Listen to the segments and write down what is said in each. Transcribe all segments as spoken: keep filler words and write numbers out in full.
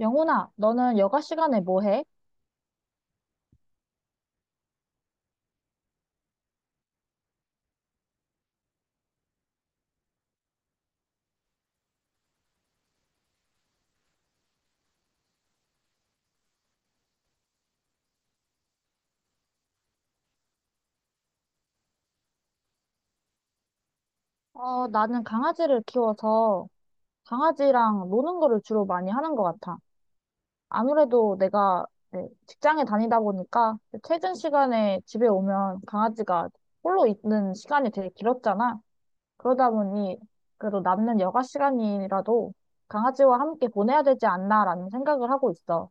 영훈아, 너는 여가 시간에 뭐 해? 어, 나는 강아지를 키워서 강아지랑 노는 거를 주로 많이 하는 것 같아. 아무래도 내가 이제 직장에 다니다 보니까 퇴근 시간에 집에 오면 강아지가 홀로 있는 시간이 되게 길었잖아. 그러다 보니 그래도 남는 여가 시간이라도 강아지와 함께 보내야 되지 않나라는 생각을 하고 있어.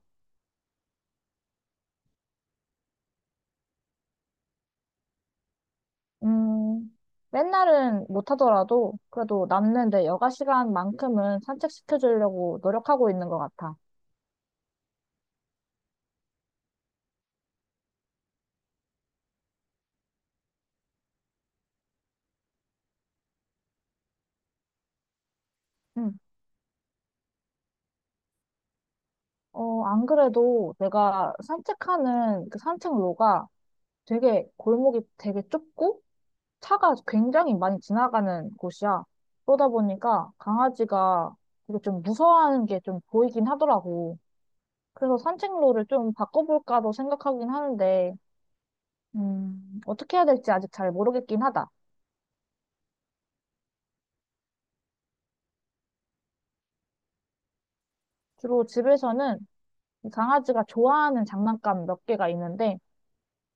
음, 맨날은 못하더라도 그래도 남는 내 여가 시간만큼은 산책시켜주려고 노력하고 있는 것 같아. 응. 어, 안 그래도 내가 산책하는 그 산책로가 되게 골목이 되게 좁고 차가 굉장히 많이 지나가는 곳이야. 그러다 보니까 강아지가 되게 좀 무서워하는 게 좀 보이긴 하더라고. 그래서 산책로를 좀 바꿔볼까도 생각하긴 하는데, 음, 어떻게 해야 될지 아직 잘 모르겠긴 하다. 주로 집에서는 강아지가 좋아하는 장난감 몇 개가 있는데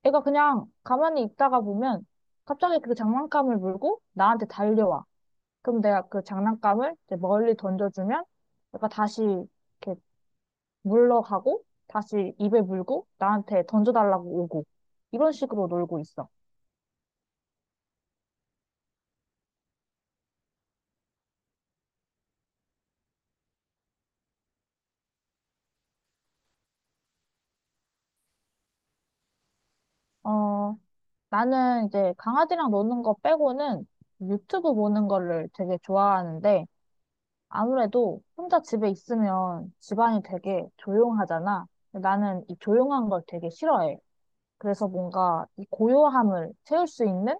애가 그냥 가만히 있다가 보면 갑자기 그 장난감을 물고 나한테 달려와. 그럼 내가 그 장난감을 이제 멀리 던져주면 얘가 다시 이렇게 물러가고 다시 입에 물고 나한테 던져달라고 오고 이런 식으로 놀고 있어. 어, 나는 이제 강아지랑 노는 거 빼고는 유튜브 보는 거를 되게 좋아하는데 아무래도 혼자 집에 있으면 집안이 되게 조용하잖아. 근데 나는 이 조용한 걸 되게 싫어해. 그래서 뭔가 이 고요함을 채울 수 있는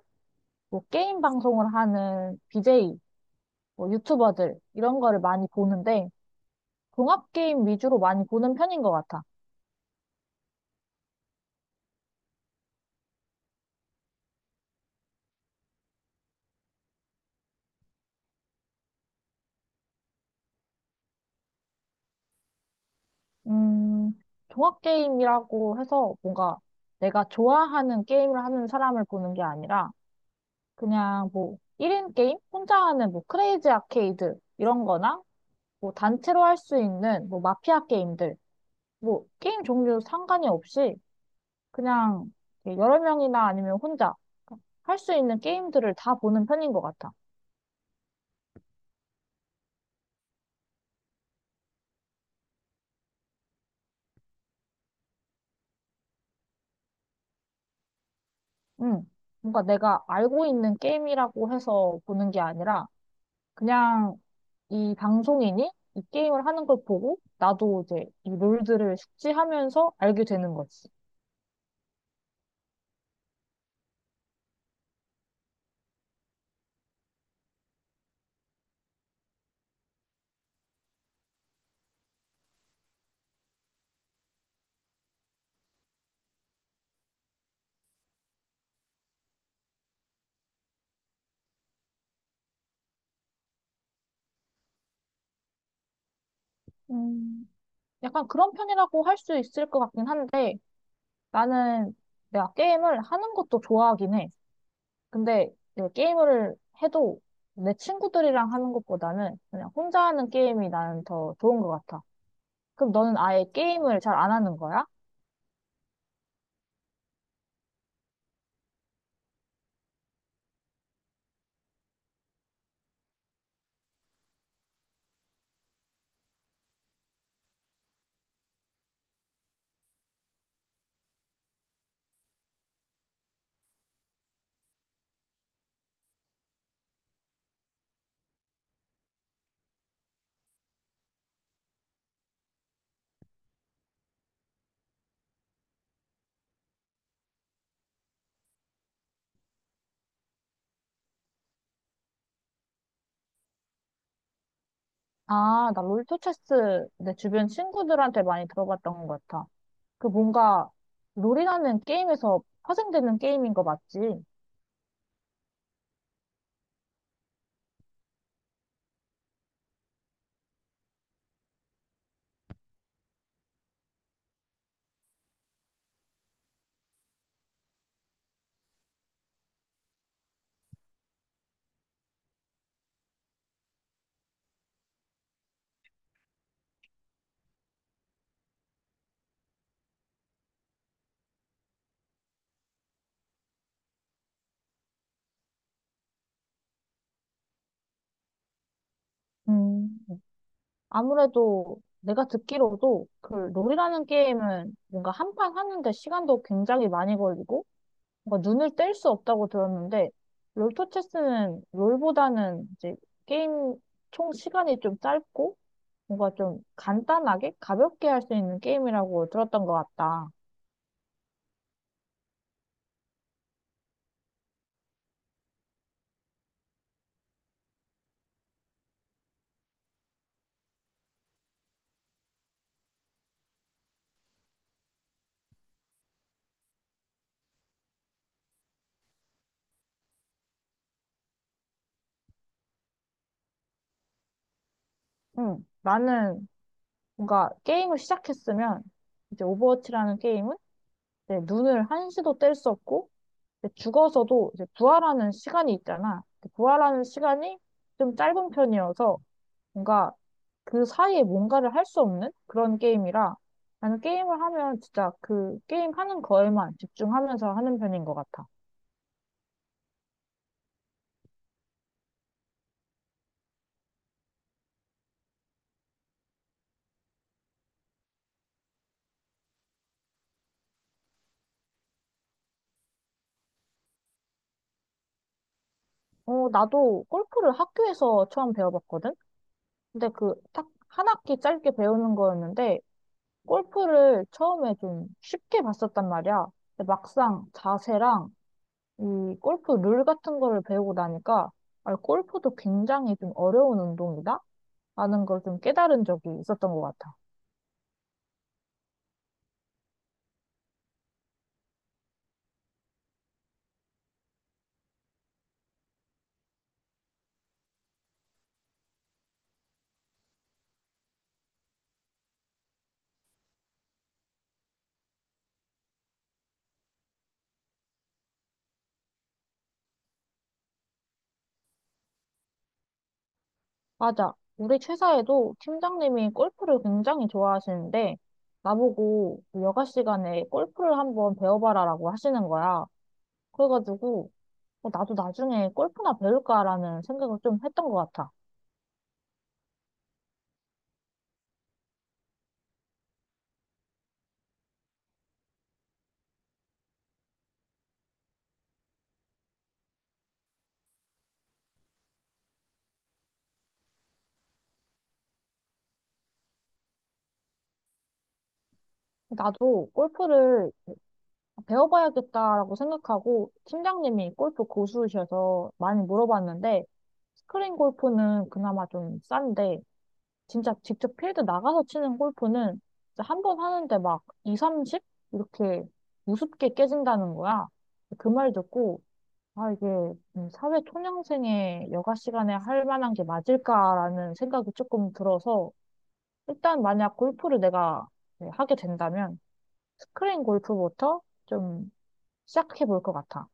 뭐 게임 방송을 하는 비제이, 뭐 유튜버들 이런 거를 많이 보는데 종합 게임 위주로 많이 보는 편인 것 같아. 음, 종합 게임이라고 해서 뭔가 내가 좋아하는 게임을 하는 사람을 보는 게 아니라 그냥 뭐 일 인 게임? 혼자 하는 뭐 크레이지 아케이드 이런 거나 뭐 단체로 할 수 있는 뭐 마피아 게임들, 뭐 게임 종류 상관이 없이 그냥 여러 명이나 아니면 혼자 할 수 있는 게임들을 다 보는 편인 것 같아. 응. 뭔가 내가 알고 있는 게임이라고 해서 보는 게 아니라 그냥 이 방송인이 이 게임을 하는 걸 보고 나도 이제 이 룰들을 숙지하면서 알게 되는 거지. 음, 약간 그런 편이라고 할 수 있을 것 같긴 한데 나는 내가 게임을 하는 것도 좋아하긴 해. 근데 이제 게임을 해도 내 친구들이랑 하는 것보다는 그냥 혼자 하는 게임이 나는 더 좋은 것 같아. 그럼 너는 아예 게임을 잘 안 하는 거야? 아, 나 롤토체스 내 주변 친구들한테 많이 들어봤던 것 같아. 그 뭔가 롤이라는 게임에서 파생되는 게임인 거 맞지? 음, 아무래도 내가 듣기로도 그 롤이라는 게임은 뭔가 한 판 하는데 시간도 굉장히 많이 걸리고 뭔가 눈을 뗄 수 없다고 들었는데 롤토 체스는 롤보다는 이제 게임 총 시간이 좀 짧고 뭔가 좀 간단하게 가볍게 할 수 있는 게임이라고 들었던 것 같다. 응. 나는 뭔가 게임을 시작했으면 이제 오버워치라는 게임은 이제 눈을 한시도 뗄 수 없고 이제 죽어서도 이제 부활하는 시간이 있잖아. 그 부활하는 시간이 좀 짧은 편이어서 뭔가 그 사이에 뭔가를 할 수 없는 그런 게임이라 나는 게임을 하면 진짜 그 게임 하는 거에만 집중하면서 하는 편인 것 같아. 어, 나도 골프를 학교에서 처음 배워봤거든? 근데 그 딱 한 학기 짧게 배우는 거였는데 골프를 처음에 좀 쉽게 봤었단 말이야. 근데 막상 자세랑 이 골프 룰 같은 거를 배우고 나니까 아, 골프도 굉장히 좀 어려운 운동이다? 라는 걸 좀 깨달은 적이 있었던 것 같아. 맞아. 우리 최사에도 팀장님이 골프를 굉장히 좋아하시는데, 나보고 그 여가 시간에 골프를 한번 배워봐라라고 하시는 거야. 그래가지고, 어, 나도 나중에 골프나 배울까라는 생각을 좀 했던 것 같아. 나도 골프를 배워봐야겠다라고 생각하고, 팀장님이 골프 고수이셔서 많이 물어봤는데, 스크린 골프는 그나마 좀 싼데, 진짜 직접 필드 나가서 치는 골프는 한 번 하는데 막 이십, 삼십? 이렇게 우습게 깨진다는 거야. 그 말 듣고, 아, 이게 음, 사회 초년생의 여가 시간에 할 만한 게 맞을까라는 생각이 조금 들어서, 일단 만약 골프를 내가 네, 하게 된다면, 스크린 골프부터 좀 시작해 볼 것 같아.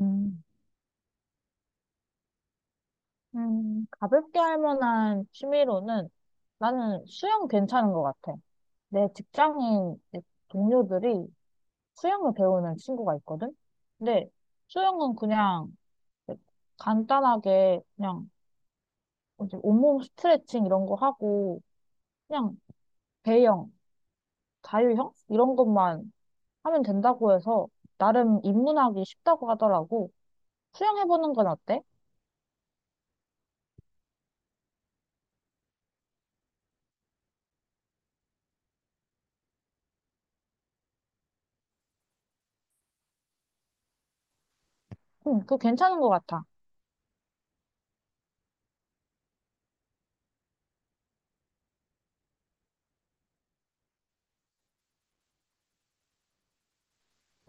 음, 음, 가볍게 할 만한 취미로는 나는 수영 괜찮은 것 같아. 내 직장인 동료들이 수영을 배우는 친구가 있거든? 근데 수영은 그냥 간단하게 그냥 이제 온몸 스트레칭 이런 거 하고 그냥 배영, 자유형 이런 것만 하면 된다고 해서 나름 입문하기 쉽다고 하더라고. 수영해보는 건 어때? 응, 그거 괜찮은 것 같아.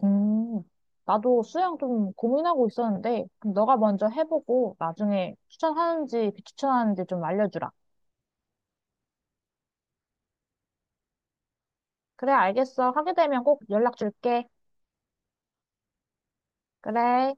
음, 나도 수영 좀 고민하고 있었는데 그럼 너가 먼저 해보고 나중에 추천하는지 비추천하는지 좀 알려주라. 그래, 알겠어. 하게 되면 꼭 연락 줄게. 그래.